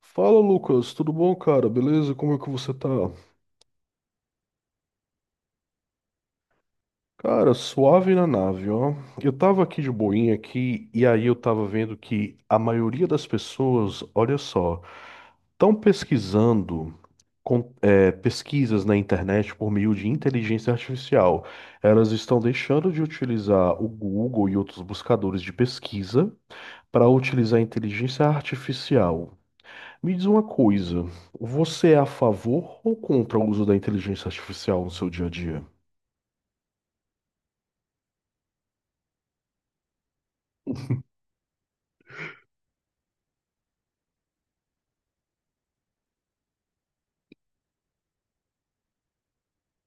Fala, Lucas, tudo bom, cara? Beleza? Como é que você tá? Cara, suave na nave, ó. Eu tava aqui de boinha aqui e aí eu tava vendo que a maioria das pessoas, olha só, estão pesquisando pesquisas na internet por meio de inteligência artificial. Elas estão deixando de utilizar o Google e outros buscadores de pesquisa para utilizar a inteligência artificial. Me diz uma coisa, você é a favor ou contra o uso da inteligência artificial no seu dia a dia?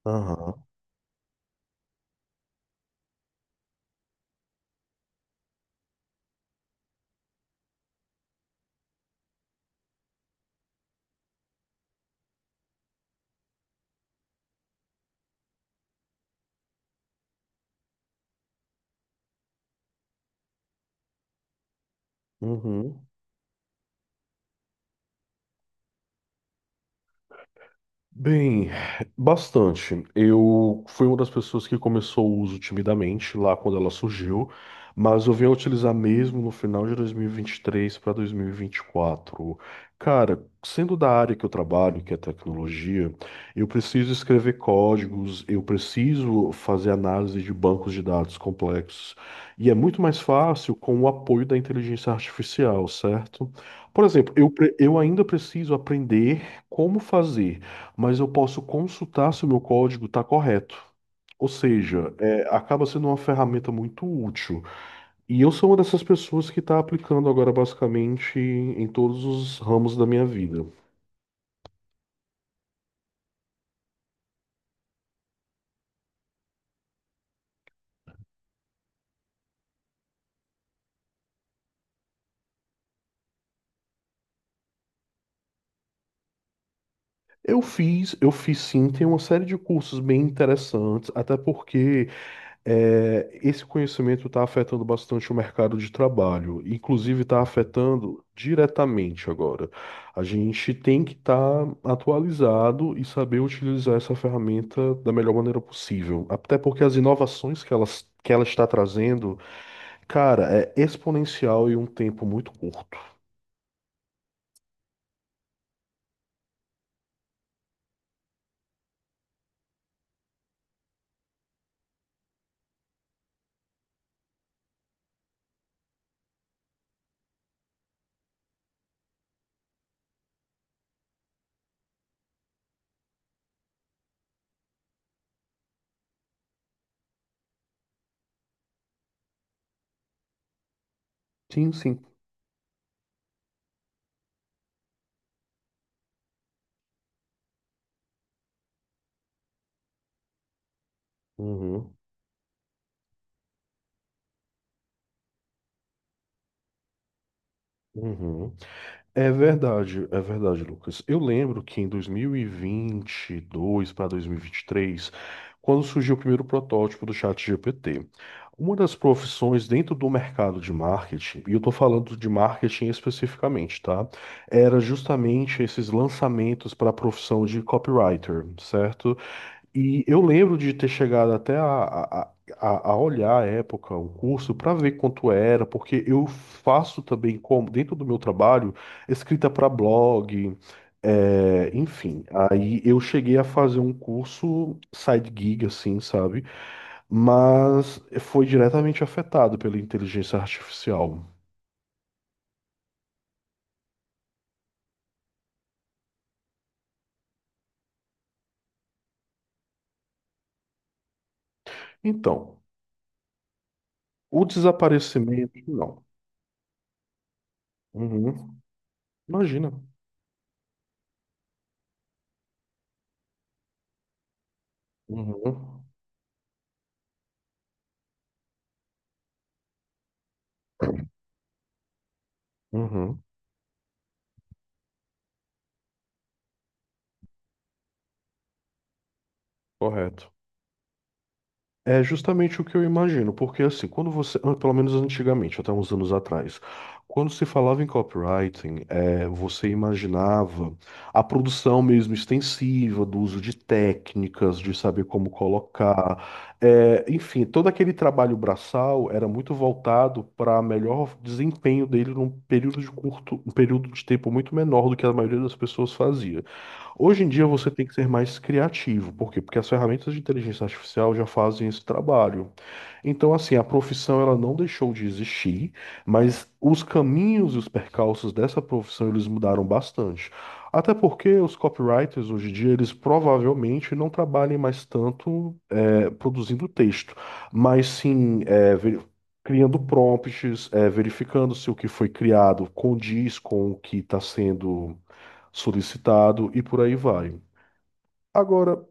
Aham. Uhum. Bem, bastante. Eu fui uma das pessoas que começou o uso timidamente lá quando ela surgiu, mas eu vim a utilizar mesmo no final de dois mil e vinte e três para dois mil e vinte e quatro. Cara, sendo da área que eu trabalho, que é tecnologia, eu preciso escrever códigos, eu preciso fazer análise de bancos de dados complexos, e é muito mais fácil com o apoio da inteligência artificial, certo? Por exemplo, eu ainda preciso aprender como fazer, mas eu posso consultar se o meu código está correto. Ou seja, acaba sendo uma ferramenta muito útil. E eu sou uma dessas pessoas que está aplicando agora basicamente em todos os ramos da minha vida. Eu fiz sim, tem uma série de cursos bem interessantes, até porque esse conhecimento está afetando bastante o mercado de trabalho, inclusive está afetando diretamente agora. A gente tem que estar atualizado e saber utilizar essa ferramenta da melhor maneira possível, até porque as inovações que ela está trazendo, cara, é exponencial e um tempo muito curto. Sim, sim. Uhum, uhum. É verdade, Lucas. Eu lembro que em 2022 para 2023, quando surgiu o primeiro protótipo do ChatGPT, uma das profissões dentro do mercado de marketing, e eu estou falando de marketing especificamente, tá? Era justamente esses lançamentos para a profissão de copywriter, certo? E eu lembro de ter chegado até a olhar à época o curso para ver quanto era, porque eu faço também, como dentro do meu trabalho, escrita para blog, enfim. Aí eu cheguei a fazer um curso side gig, assim, sabe? Mas foi diretamente afetado pela inteligência artificial. Então, o desaparecimento, não. Uhum. Imagina. Uhum. Uhum. Correto. É justamente o que eu imagino, porque assim, quando você, ah, pelo menos antigamente, até uns anos atrás, quando se falava em copywriting, você imaginava a produção mesmo extensiva, do uso de técnicas, de saber como colocar, enfim, todo aquele trabalho braçal era muito voltado para melhor desempenho dele num período de curto, um período de tempo muito menor do que a maioria das pessoas fazia. Hoje em dia você tem que ser mais criativo, por quê? Porque as ferramentas de inteligência artificial já fazem esse trabalho. Então, assim, a profissão ela não deixou de existir, mas os caminhos e os percalços dessa profissão eles mudaram bastante. Até porque os copywriters hoje em dia eles provavelmente não trabalhem mais tanto produzindo texto, mas sim criando prompts, verificando se o que foi criado condiz com o que está sendo solicitado e por aí vai. Agora,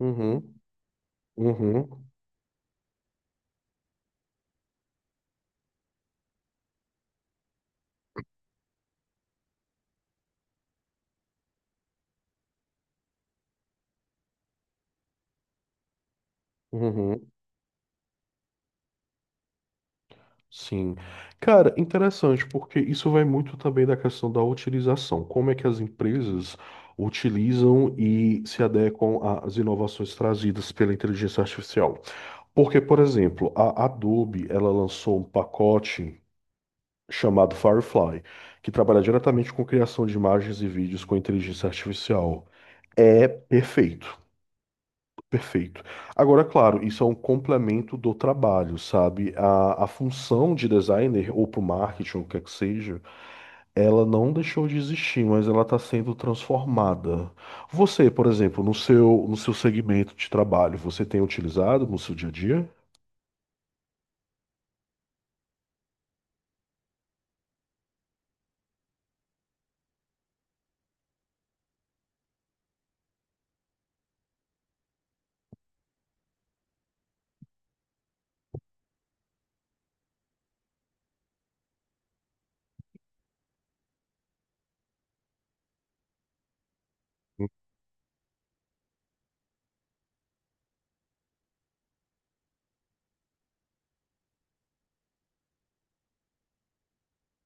uhum, uhum, uhum, sim. Cara, interessante, porque isso vai muito também da questão da utilização. Como é que as empresas utilizam e se adequam às inovações trazidas pela inteligência artificial? Porque, por exemplo, a Adobe, ela lançou um pacote chamado Firefly, que trabalha diretamente com criação de imagens e vídeos com inteligência artificial. É perfeito, perfeito. Agora, claro, isso é um complemento do trabalho, sabe? A função de designer, ou para o marketing, ou o que é que seja, ela não deixou de existir, mas ela está sendo transformada. Você, por exemplo, no seu segmento de trabalho, você tem utilizado no seu dia a dia?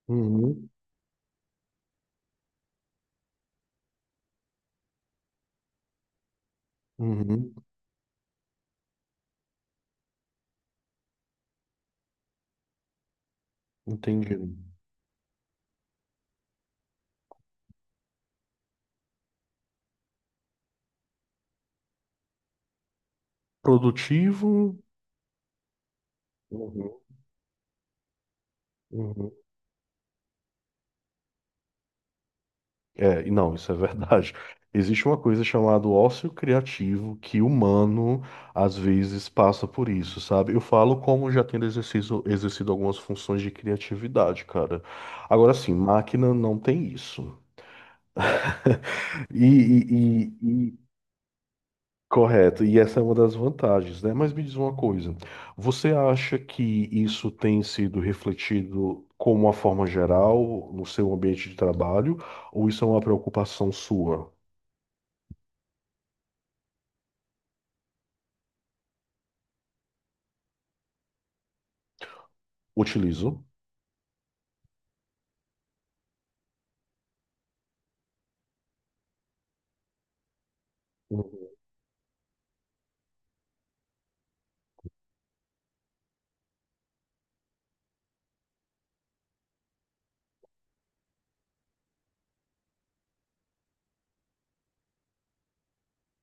Uhum, uhum. Entendido. Produtivo. Uhum, uhum. É, e não, isso é verdade. Existe uma coisa chamada ócio criativo que o humano às vezes passa por isso, sabe? Eu falo como já tendo exercido, exercido algumas funções de criatividade, cara. Agora sim, máquina não tem isso. E, e, Correto, e essa é uma das vantagens, né? Mas me diz uma coisa, você acha que isso tem sido refletido como uma forma geral no seu ambiente de trabalho, ou isso é uma preocupação sua? Utilizo. Uhum.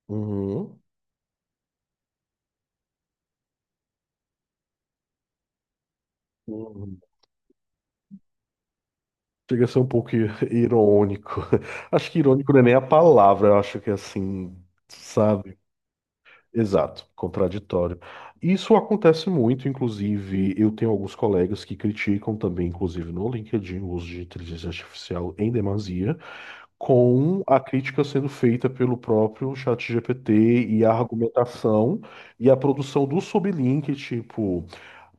Uhum. Uhum. Chega a ser um pouco irônico. Acho que irônico não é nem a palavra, eu acho que é assim, sabe? Exato, contraditório. Isso acontece muito, inclusive, eu tenho alguns colegas que criticam também, inclusive no LinkedIn, o uso de inteligência artificial em demasia, com a crítica sendo feita pelo próprio ChatGPT e a argumentação e a produção do sublink, tipo,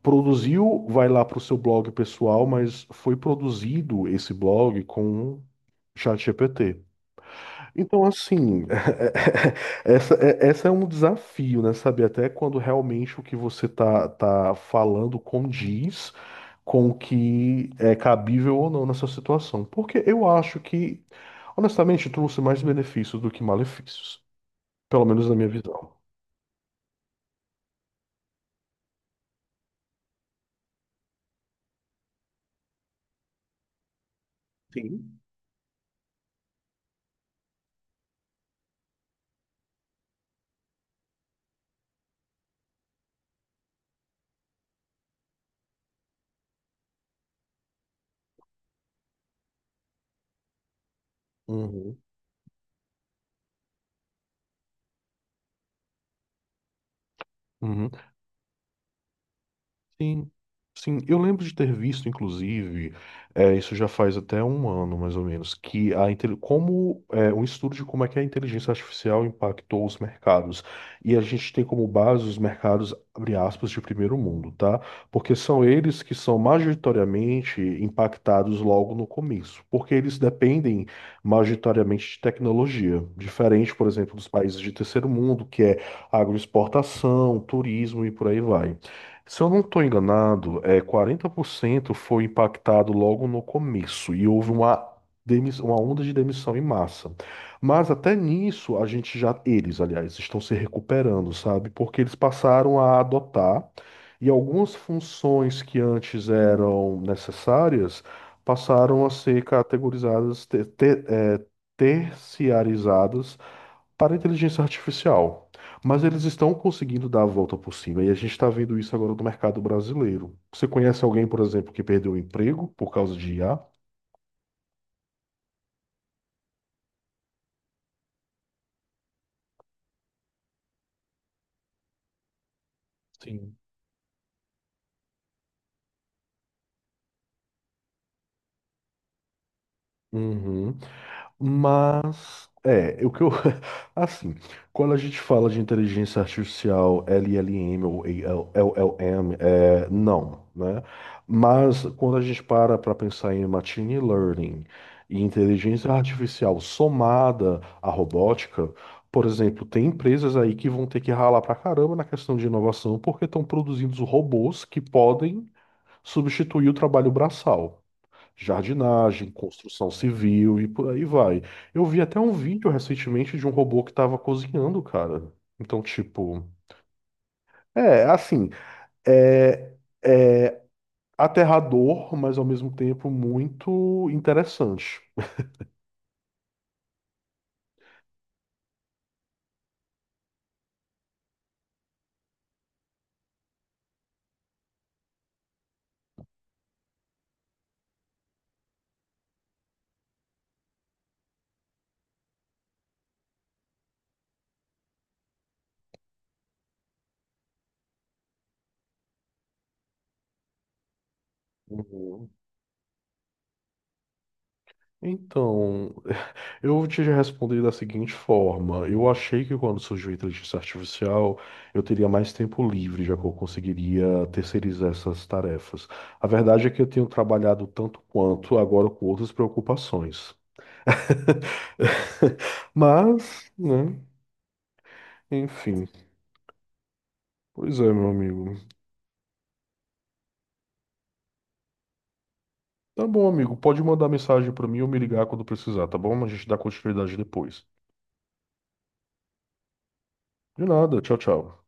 produziu, vai lá para o seu blog pessoal, mas foi produzido esse blog com ChatGPT. Então, assim. Essa é um desafio, né? Saber até quando realmente o que você tá falando condiz com o que é cabível ou não nessa situação. Porque eu acho que, honestamente, trouxe mais benefícios do que malefícios. Pelo menos na minha visão. Sim. Uhum, uhum. Sim, sim, eu lembro de ter visto, inclusive, isso já faz até um ano, mais ou menos, que a, intel- como é, um estudo de como é que a inteligência artificial impactou os mercados. E a gente tem como base os mercados, abre aspas, de primeiro mundo, tá? Porque são eles que são majoritariamente impactados logo no começo, porque eles dependem majoritariamente de tecnologia, diferente, por exemplo, dos países de terceiro mundo, que é agroexportação, turismo e por aí vai. Se eu não estou enganado, 40% foi impactado logo no começo e houve uma onda de demissão em massa. Mas até nisso, a gente já, eles, aliás, estão se recuperando, sabe? Porque eles passaram a adotar e algumas funções que antes eram necessárias passaram a ser categorizadas, terciarizadas para a inteligência artificial. Mas eles estão conseguindo dar a volta por cima e a gente está vendo isso agora no mercado brasileiro. Você conhece alguém, por exemplo, que perdeu o emprego por causa de IA? Sim. Uhum. Mas o que eu assim, quando a gente fala de inteligência artificial, LLM ou AL LLM, não, né? Mas quando a gente para para pensar em machine learning e inteligência artificial somada à robótica, por exemplo, tem empresas aí que vão ter que ralar pra caramba na questão de inovação porque estão produzindo robôs que podem substituir o trabalho braçal, jardinagem, construção civil e por aí vai. Eu vi até um vídeo recentemente de um robô que estava cozinhando, cara. Então, tipo, é assim, é, é aterrador, mas ao mesmo tempo muito interessante. Uhum. Então, eu te respondi da seguinte forma: eu achei que quando surgiu a inteligência artificial, eu teria mais tempo livre, já que eu conseguiria terceirizar essas tarefas. A verdade é que eu tenho trabalhado tanto quanto agora com outras preocupações. Mas, né? Enfim. Pois é, meu amigo. Tá bom, amigo. Pode mandar mensagem pra mim ou me ligar quando precisar, tá bom? A gente dá continuidade depois. De nada. Tchau, tchau.